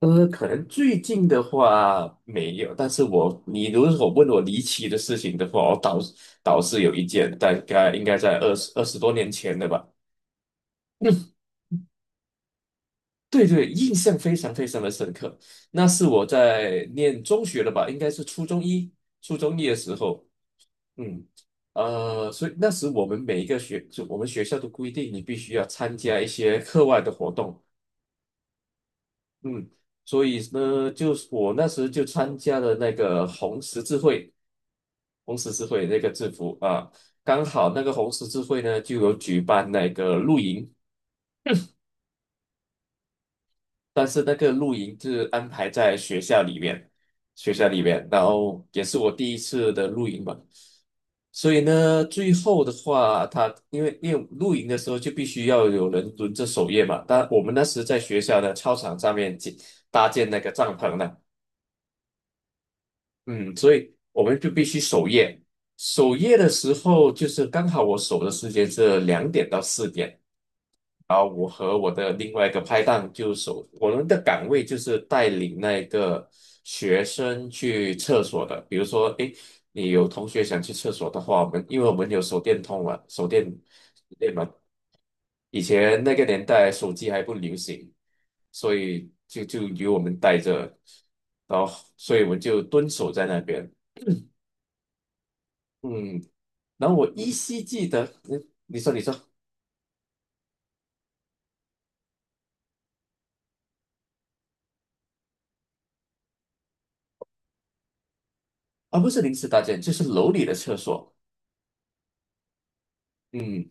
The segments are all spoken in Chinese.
可能最近的话没有，但是你如果问我离奇的事情的话，我倒是有一件，大概应该在20多年前的吧。嗯，对对，印象非常非常的深刻。那是我在念中学了吧，应该是初中一的时候。嗯，所以那时我们每一个学，就我们学校都规定你必须要参加一些课外的活动。嗯，所以呢，就是我那时就参加了那个红十字会，红十字会那个制服啊，刚好那个红十字会呢就有举办那个露营，但是那个露营是安排在学校里面，然后也是我第一次的露营吧。所以呢，最后的话，他因为露营的时候就必须要有人轮着守夜嘛，但我们那时在学校的操场上面搭建那个帐篷呢。嗯，所以我们就必须守夜。守夜的时候，就是刚好我守的时间是2点到4点，然后我和我的另外一个拍档就守，我们的岗位就是带领那个学生去厕所的。比如说，诶，你有同学想去厕所的话，我们因为我们有手电筒嘛，手电嘛，以前那个年代手机还不流行，所以就由我们带着，然后所以我们就蹲守在那边。嗯，然后我依稀记得，你说啊，不是临时搭建，就是楼里的厕所。嗯，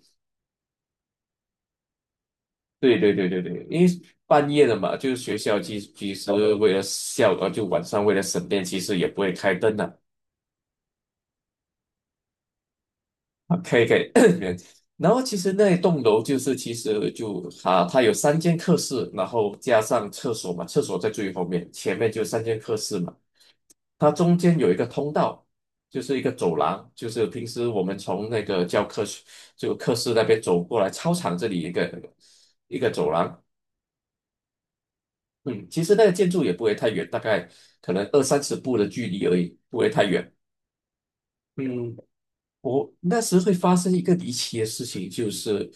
对对对对对，因为半夜了嘛，就是学校其实为了校，呃，就晚上为了省电，其实也不会开灯的。啊，可以可以。然后其实那一栋楼就是其实它有三间课室，然后加上厕所嘛，厕所在最后面，前面就三间课室嘛。它中间有一个通道，就是一个走廊，就是平时我们从那个教科书就课室那边走过来，操场这里一个走廊。嗯，其实那个建筑也不会太远，大概可能二三十步的距离而已，不会太远。嗯，我那时会发生一个离奇的事情，就是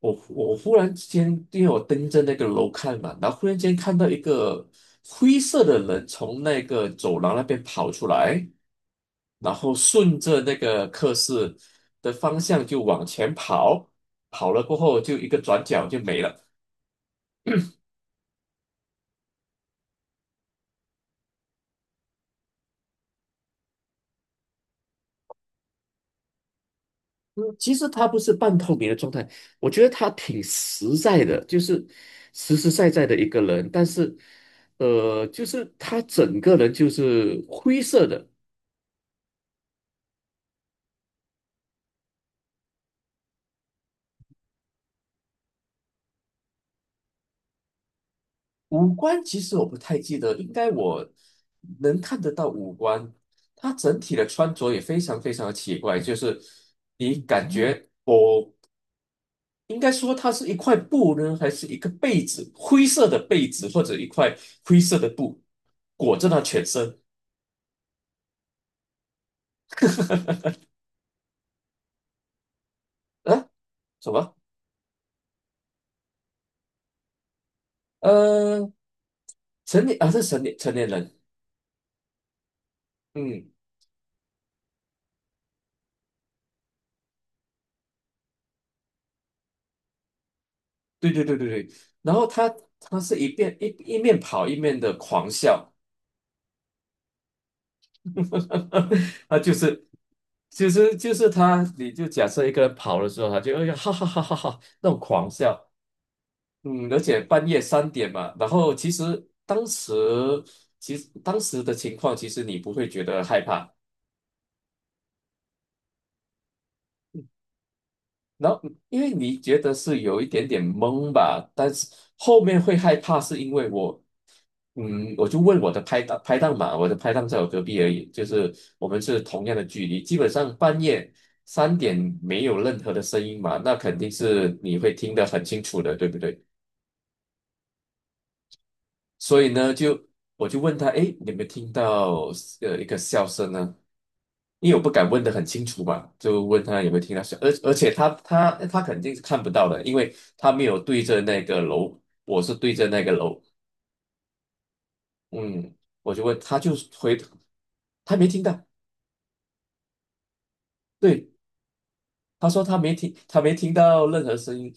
我忽然之间，因为我盯着那个楼看嘛，然后忽然间看到一个灰色的人从那个走廊那边跑出来，然后顺着那个课室的方向就往前跑，跑了过后就一个转角就没了。嗯，其实他不是半透明的状态，我觉得他挺实在的，就是实实在在的一个人，但是，呃，就是他整个人就是灰色的。五官其实我不太记得，应该我能看得到五官。他整体的穿着也非常非常的奇怪，就是你感觉我应该说它是一块布呢，还是一个被子，灰色的被子或者一块灰色的布裹着他全身。啊？什么？呃，成年啊是成年人。嗯，对对对对对，然后他是一面跑一面的狂笑。他就是其实就是他，你就假设一个人跑的时候，他就哎呀哈哈哈哈哈那种狂笑。嗯，而且半夜三点嘛。然后其实当时的情况，其实你不会觉得害怕。然后因为你觉得是有一点点懵吧，但是后面会害怕，是因为我，我就问我的拍档嘛，我的拍档在我隔壁而已，就是我们是同样的距离，基本上半夜三点没有任何的声音嘛，那肯定是你会听得很清楚的，对不对？所以呢，我就问他，诶，你有没有听到一个笑声呢？因为我不敢问得很清楚嘛，就问他有没有听到声，而且他肯定是看不到的，因为他没有对着那个楼，我是对着那个楼。嗯，我就问他，回，他没听到。对，他说他没听，他没听到任何声音。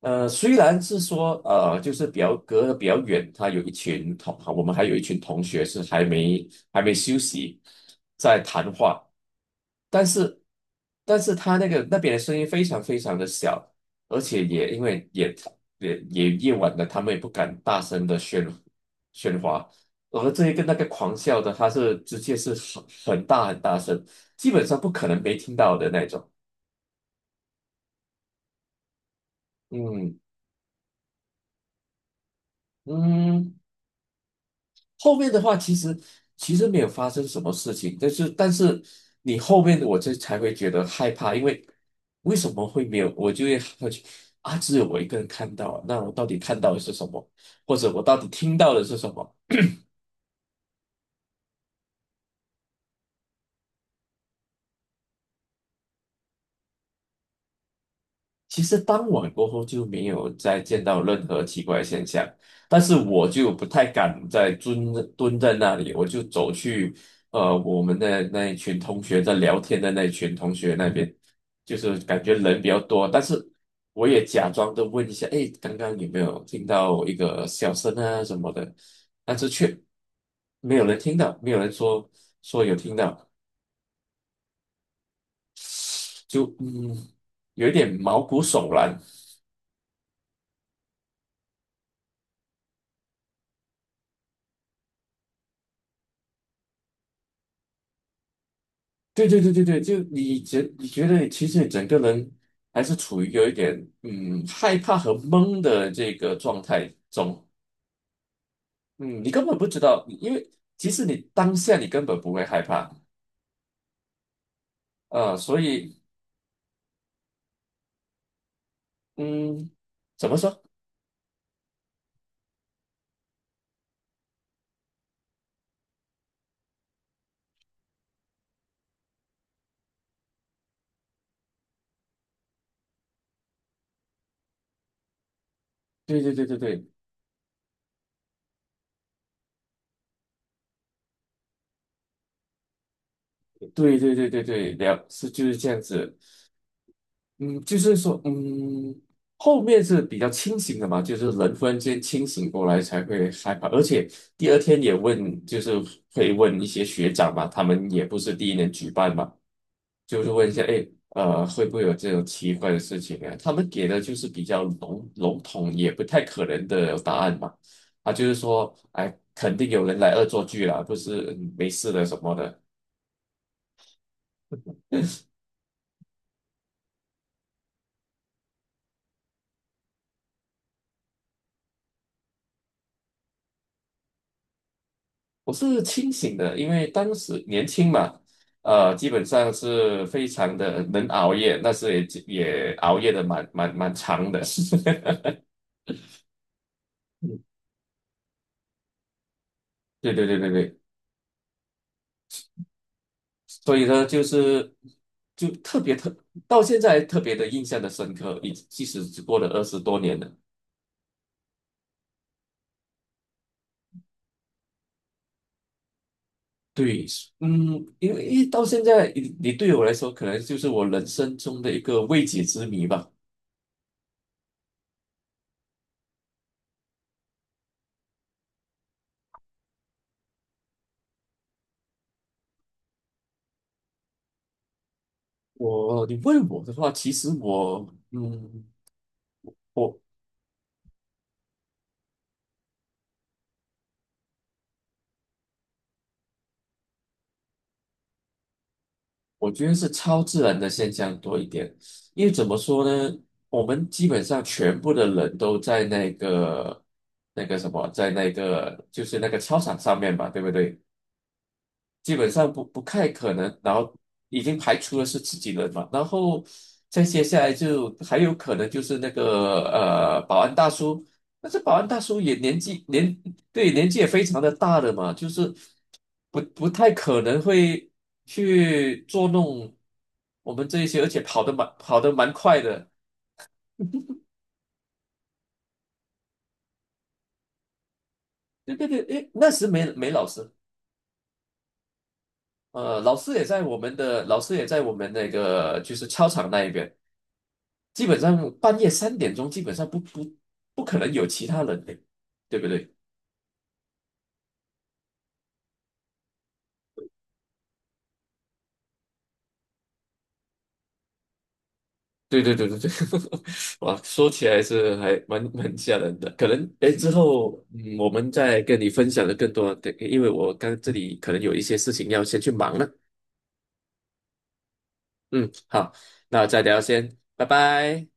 呃，虽然是说就是比较隔得比较远，他有一群同，我们还有一群同学是还没休息在谈话。但是，但是他那个那边的声音非常非常的小，而且也因为也夜晚的，他们也不敢大声的喧哗。而这一个那个狂笑的，他是直接是很大很大声，基本上不可能没听到的那种。嗯嗯，后面的话其实没有发生什么事情，但是你后面的我这才会觉得害怕，因为为什么会没有？我就会去啊，只有我一个人看到啊，那我到底看到的是什么，或者我到底听到的是什么？其实当晚过后就没有再见到任何奇怪现象，但是我就不太敢再蹲在那里，我就走去我们的那一群同学在聊天的那一群同学那边，就是感觉人比较多，但是我也假装的问一下，哎，刚刚有没有听到一个笑声啊什么的，但是却没有人听到，没有人说说有听到，就有一点毛骨悚然。对对对对对，就你觉得其实整个人还是处于有一点害怕和懵的这个状态中。嗯，你根本不知道，因为其实你当下你根本不会害怕。所以嗯，怎么说？对对对对对对对对对对，是就是这样子。嗯，就是说，后面是比较清醒的嘛，就是人忽然间清醒过来才会害怕，而且第二天也问，就是会问一些学长嘛，他们也不是第一年举办嘛，就是问一下，哎，会不会有这种奇怪的事情啊？他们给的就是比较统，也不太可能的答案嘛。啊，就是说，哎，肯定有人来恶作剧啦，不是没事的什么的。我是清醒的，因为当时年轻嘛，呃，基本上是非常的能熬夜，那时也熬夜的蛮长的。对对对对对，所以呢，就是特别到现在特别的印象的深刻，即使只过了20多年了。对，嗯，因为一到现在，对我来说，可能就是我人生中的一个未解之谜吧。我，你问我的话，其实我，嗯。我。我觉得是超自然的现象多一点，因为怎么说呢，我们基本上全部的人都在那个那个什么，在那个就是那个操场上面吧，对不对？基本上不太可能，然后已经排除了是自己人嘛，然后再接下来就还有可能就是那个保安大叔，但是保安大叔也年纪年对，年纪也非常的大了嘛，就是不太可能会去捉弄我们这一些，而且跑得蛮快的。对对对，诶，那时没老师，老师也在我们的老师也在我们那个就是操场那一边。基本上半夜3点钟基本上不可能有其他人的，对不对？对对对对对，哇，说起来是还蛮吓人的。可能哎，之后我们再跟你分享的更多的，因为我刚这里可能有一些事情要先去忙了。嗯，好，那再聊先，拜拜。